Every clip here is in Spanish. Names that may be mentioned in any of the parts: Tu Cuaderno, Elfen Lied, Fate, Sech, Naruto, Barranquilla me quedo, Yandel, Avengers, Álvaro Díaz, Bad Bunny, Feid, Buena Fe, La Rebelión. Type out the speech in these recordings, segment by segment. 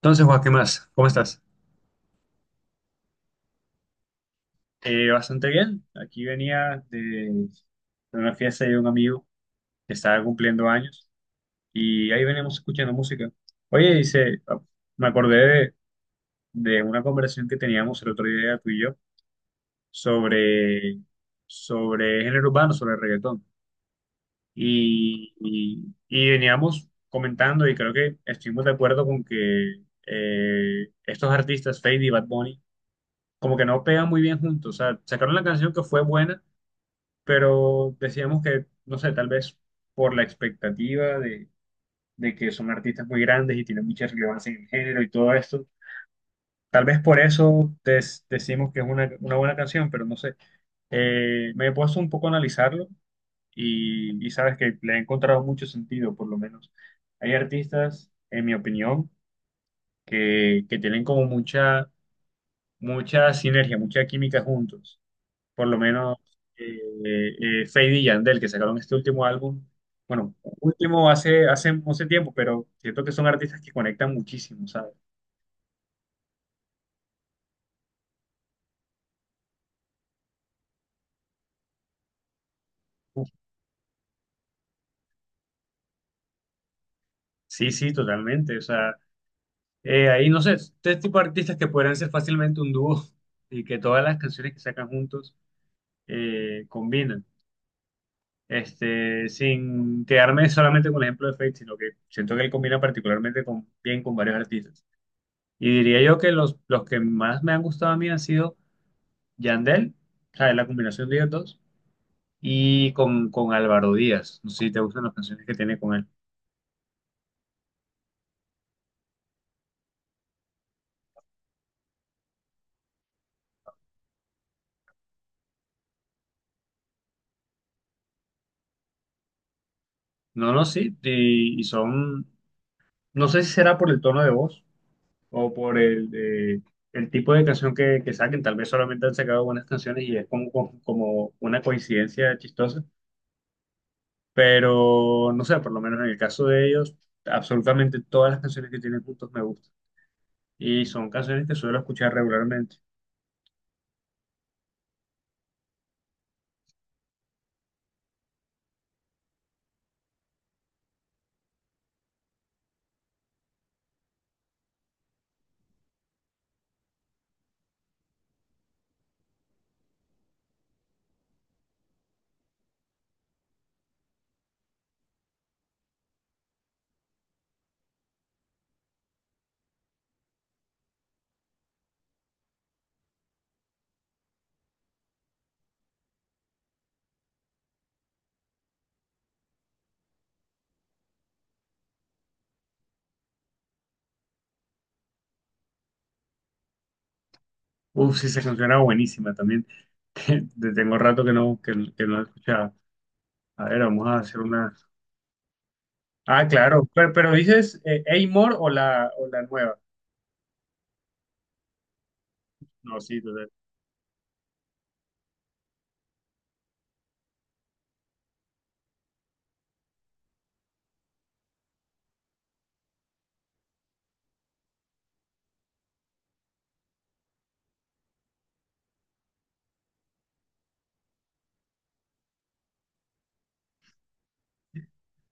Entonces, Juan, ¿qué más? ¿Cómo estás? Bastante bien. Aquí venía de una fiesta de un amigo que estaba cumpliendo años y ahí veníamos escuchando música. Oye, dice, me acordé de una conversación que teníamos el otro día tú y yo sobre, sobre género urbano, sobre reggaetón. Y veníamos comentando y creo que estuvimos de acuerdo con que estos artistas, Feid y Bad Bunny, como que no pegan muy bien juntos. O sea, sacaron la canción que fue buena, pero decíamos que, no sé, tal vez por la expectativa de, que son artistas muy grandes y tienen mucha relevancia en el género y todo esto, tal vez por eso decimos que es una buena canción, pero no sé. Me he puesto un poco a analizarlo y sabes que le he encontrado mucho sentido, por lo menos. Hay artistas, en mi opinión, que tienen como mucha sinergia, mucha química juntos, por lo menos eh, Feid y Yandel, que sacaron este último álbum. Bueno, último hace tiempo, pero siento que son artistas que conectan muchísimo, ¿sabes? Uf, sí, sí, totalmente. O sea, ahí no sé, este tipo de artistas que podrían ser fácilmente un dúo y que todas las canciones que sacan juntos combinan. Este, sin quedarme solamente con el ejemplo de Feid, sino que siento que él combina particularmente con, bien con varios artistas. Y diría yo que los que más me han gustado a mí han sido Yandel, o sea, es la combinación de ellos dos, y con Álvaro Díaz. No sé si te gustan las canciones que tiene con él. No, no, sí, y son, no sé si será por el tono de voz o por el tipo de canción que saquen. Tal vez solamente han sacado buenas canciones y es como una coincidencia chistosa, pero no sé, por lo menos en el caso de ellos, absolutamente todas las canciones que tienen juntos me gustan. Y son canciones que suelo escuchar regularmente. Uf, sí, esa canción era buenísima también. Te- te Tengo rato que no, que no la escuchaba. A ver, vamos a hacer una. Ah, claro. Pero dices Amor o la, nueva. No, sí, total.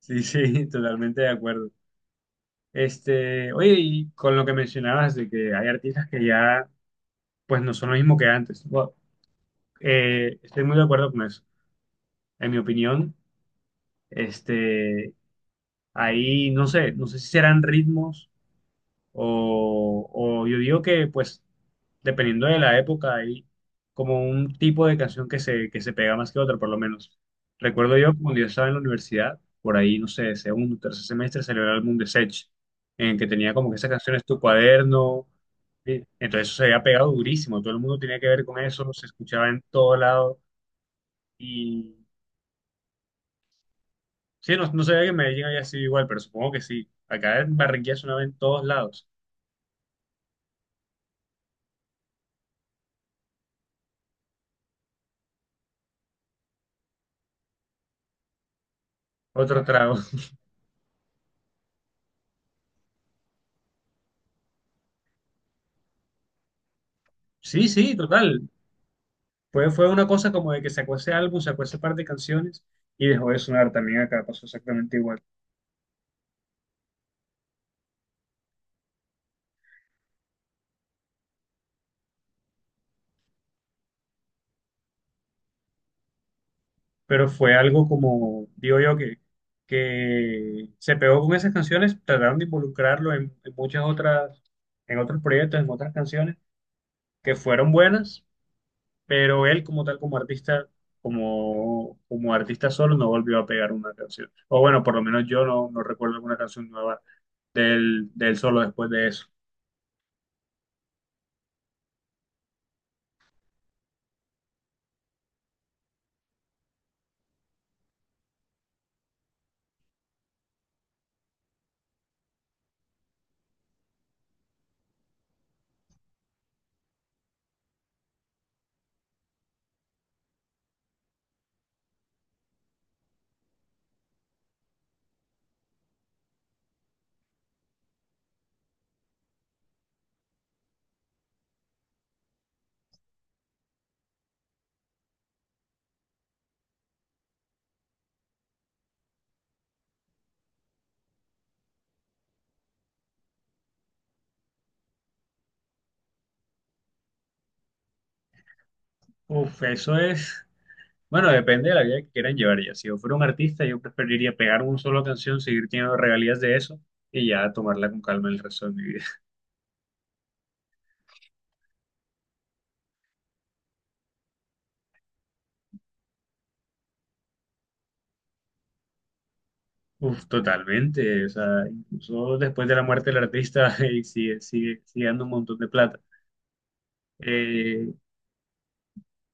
Sí, sí, totalmente de acuerdo. Este, oye, y con lo que mencionabas de que hay artistas que ya, pues no son lo mismo que antes. Bueno, estoy muy de acuerdo con eso. En mi opinión, este, ahí, no sé si serán ritmos. O yo digo que, pues, dependiendo de la época, hay como un tipo de canción que se pega más que otra, por lo menos. Recuerdo yo cuando yo estaba en la universidad, por ahí, no sé, segundo, tercer semestre, salió el álbum de Sech, en que tenía como que esas canciones, Tu Cuaderno. Sí. Entonces eso se había pegado durísimo, todo el mundo tenía que ver con eso, se escuchaba en todo lado y sí, no sabía que en Medellín había sido igual, pero supongo que sí. Acá en Barranquilla sonaba en todos lados. Otro trago. Sí, sí, total. Fue una cosa como de que sacó ese álbum, sacó ese par de canciones y dejó de sonar también acá, pasó exactamente igual. Pero fue algo como, digo yo, que se pegó con esas canciones, trataron de involucrarlo en, muchas otras, en otros proyectos, en otras canciones que fueron buenas, pero él como tal, como artista, como artista solo, no volvió a pegar una canción. O bueno, por lo menos yo no recuerdo alguna canción nueva del, solo después de eso. Uf, eso es. Bueno, depende de la vida que quieran llevar ya. Si yo fuera un artista, yo preferiría pegar una sola canción, seguir teniendo regalías de eso y ya tomarla con calma el resto de mi vida. Uf, totalmente. O sea, incluso después de la muerte del artista y sigue dando un montón de plata. Eh,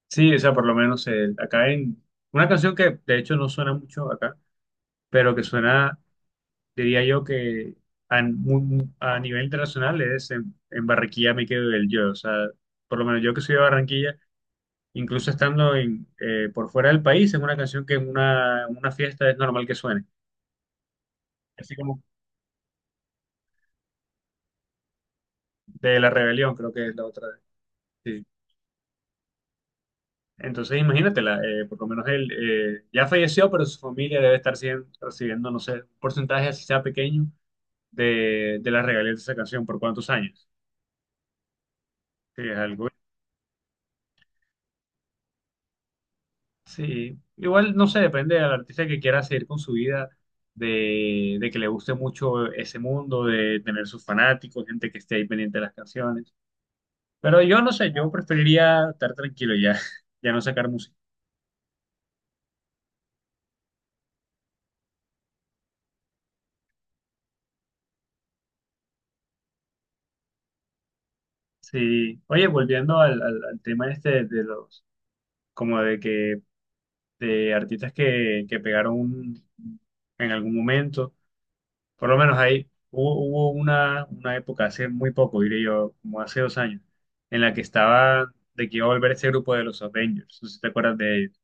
sí, o sea, por lo menos acá en una canción que de hecho no suena mucho acá, pero que suena, diría yo que a nivel internacional es en, Barranquilla me quedo del yo. O sea, por lo menos yo que soy de Barranquilla incluso estando en, por fuera del país, es una canción que en en una fiesta es normal que suene. Así como de La Rebelión, creo que es la otra. Sí. Entonces, imagínatela, por lo menos él ya falleció, pero su familia debe estar recibiendo, no sé, un porcentaje, así sea pequeño, de, las regalías de esa canción, por cuántos años. Sí, es algo. Sí, igual no sé, depende del artista que quiera seguir con su vida, de, que le guste mucho ese mundo, de tener sus fanáticos, gente que esté ahí pendiente de las canciones. Pero yo no sé, yo preferiría estar tranquilo ya, ya no sacar música. Sí, oye, volviendo al tema este de los, como de que, de artistas que pegaron en algún momento, por lo menos ahí hubo, una, época, hace muy poco, diré yo, como hace 2 años, en la que estaba de que iba a volver ese grupo de los Avengers, no sé si te acuerdas de ellos.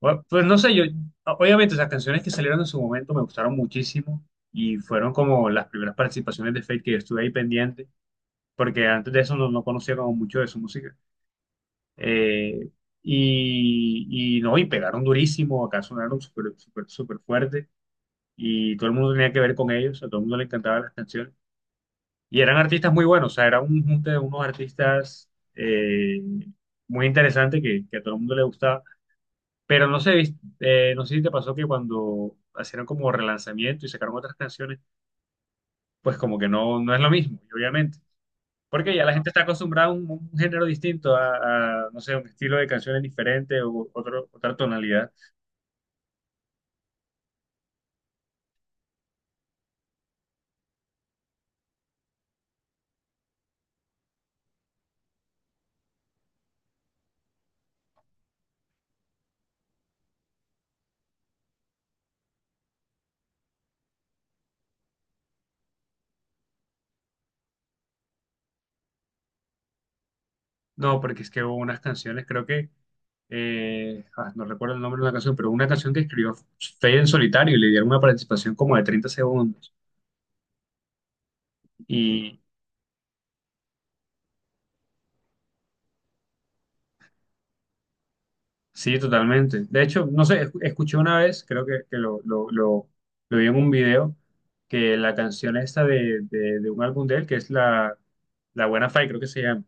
Bueno, pues no sé, yo, obviamente, las canciones que salieron en su momento me gustaron muchísimo y fueron como las primeras participaciones de Fate que yo estuve ahí pendiente, porque antes de eso no conocía como mucho de su música. Eh, y no, y pegaron durísimo, acá sonaron súper, súper, súper fuerte y todo el mundo tenía que ver con ellos, a todo el mundo le encantaban las canciones. Y eran artistas muy buenos, o sea, era un junte de unos artistas muy interesantes que a todo el mundo le gustaba. Pero no sé, no sé si te pasó que cuando hicieron como relanzamiento y sacaron otras canciones, pues como que no es lo mismo, y obviamente. Porque ya la gente está acostumbrada a un género distinto, a, no sé, un estilo de canciones diferente o otra tonalidad. No, porque es que hubo unas canciones, creo que, no recuerdo el nombre de una canción, pero una canción que escribió Fade en solitario y le dieron una participación como de 30 segundos. Sí, totalmente. De hecho, no sé, escuché una vez, creo que lo vi en un video, que la canción esta de, un álbum de él, que es la Buena Fe, creo que se llama,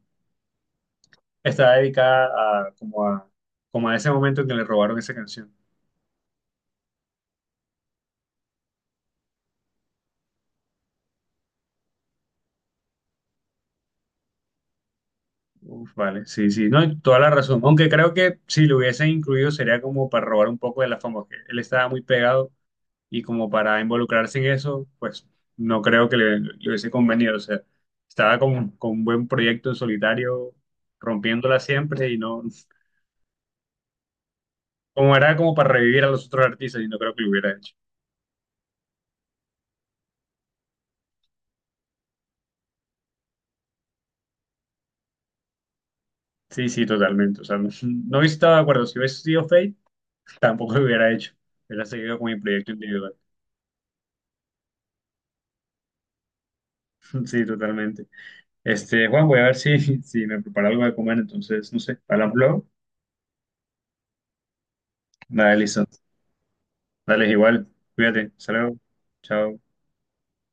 está dedicada a como a ese momento en que le robaron esa canción. Uf, vale, sí, sí, no, y toda la razón. Aunque creo que si lo hubiesen incluido sería como para robar un poco de la fama, que él estaba muy pegado y como para involucrarse en eso, pues no creo que le hubiese convenido. O sea, estaba con un buen proyecto en solitario, rompiéndola siempre y no, como era como para revivir a los otros artistas y no creo que lo hubiera hecho. Sí, sí, totalmente. O sea, no, no hubiese estado de acuerdo. Si hubiese sido Fate, tampoco lo hubiera hecho. Hubiera seguido con mi proyecto individual. Sí, totalmente. Este, Juan, voy a ver si, si me preparo algo de comer. Entonces, no sé, hablamos luego. Dale, listo. Dale, igual. Cuídate. Hasta luego. Chao.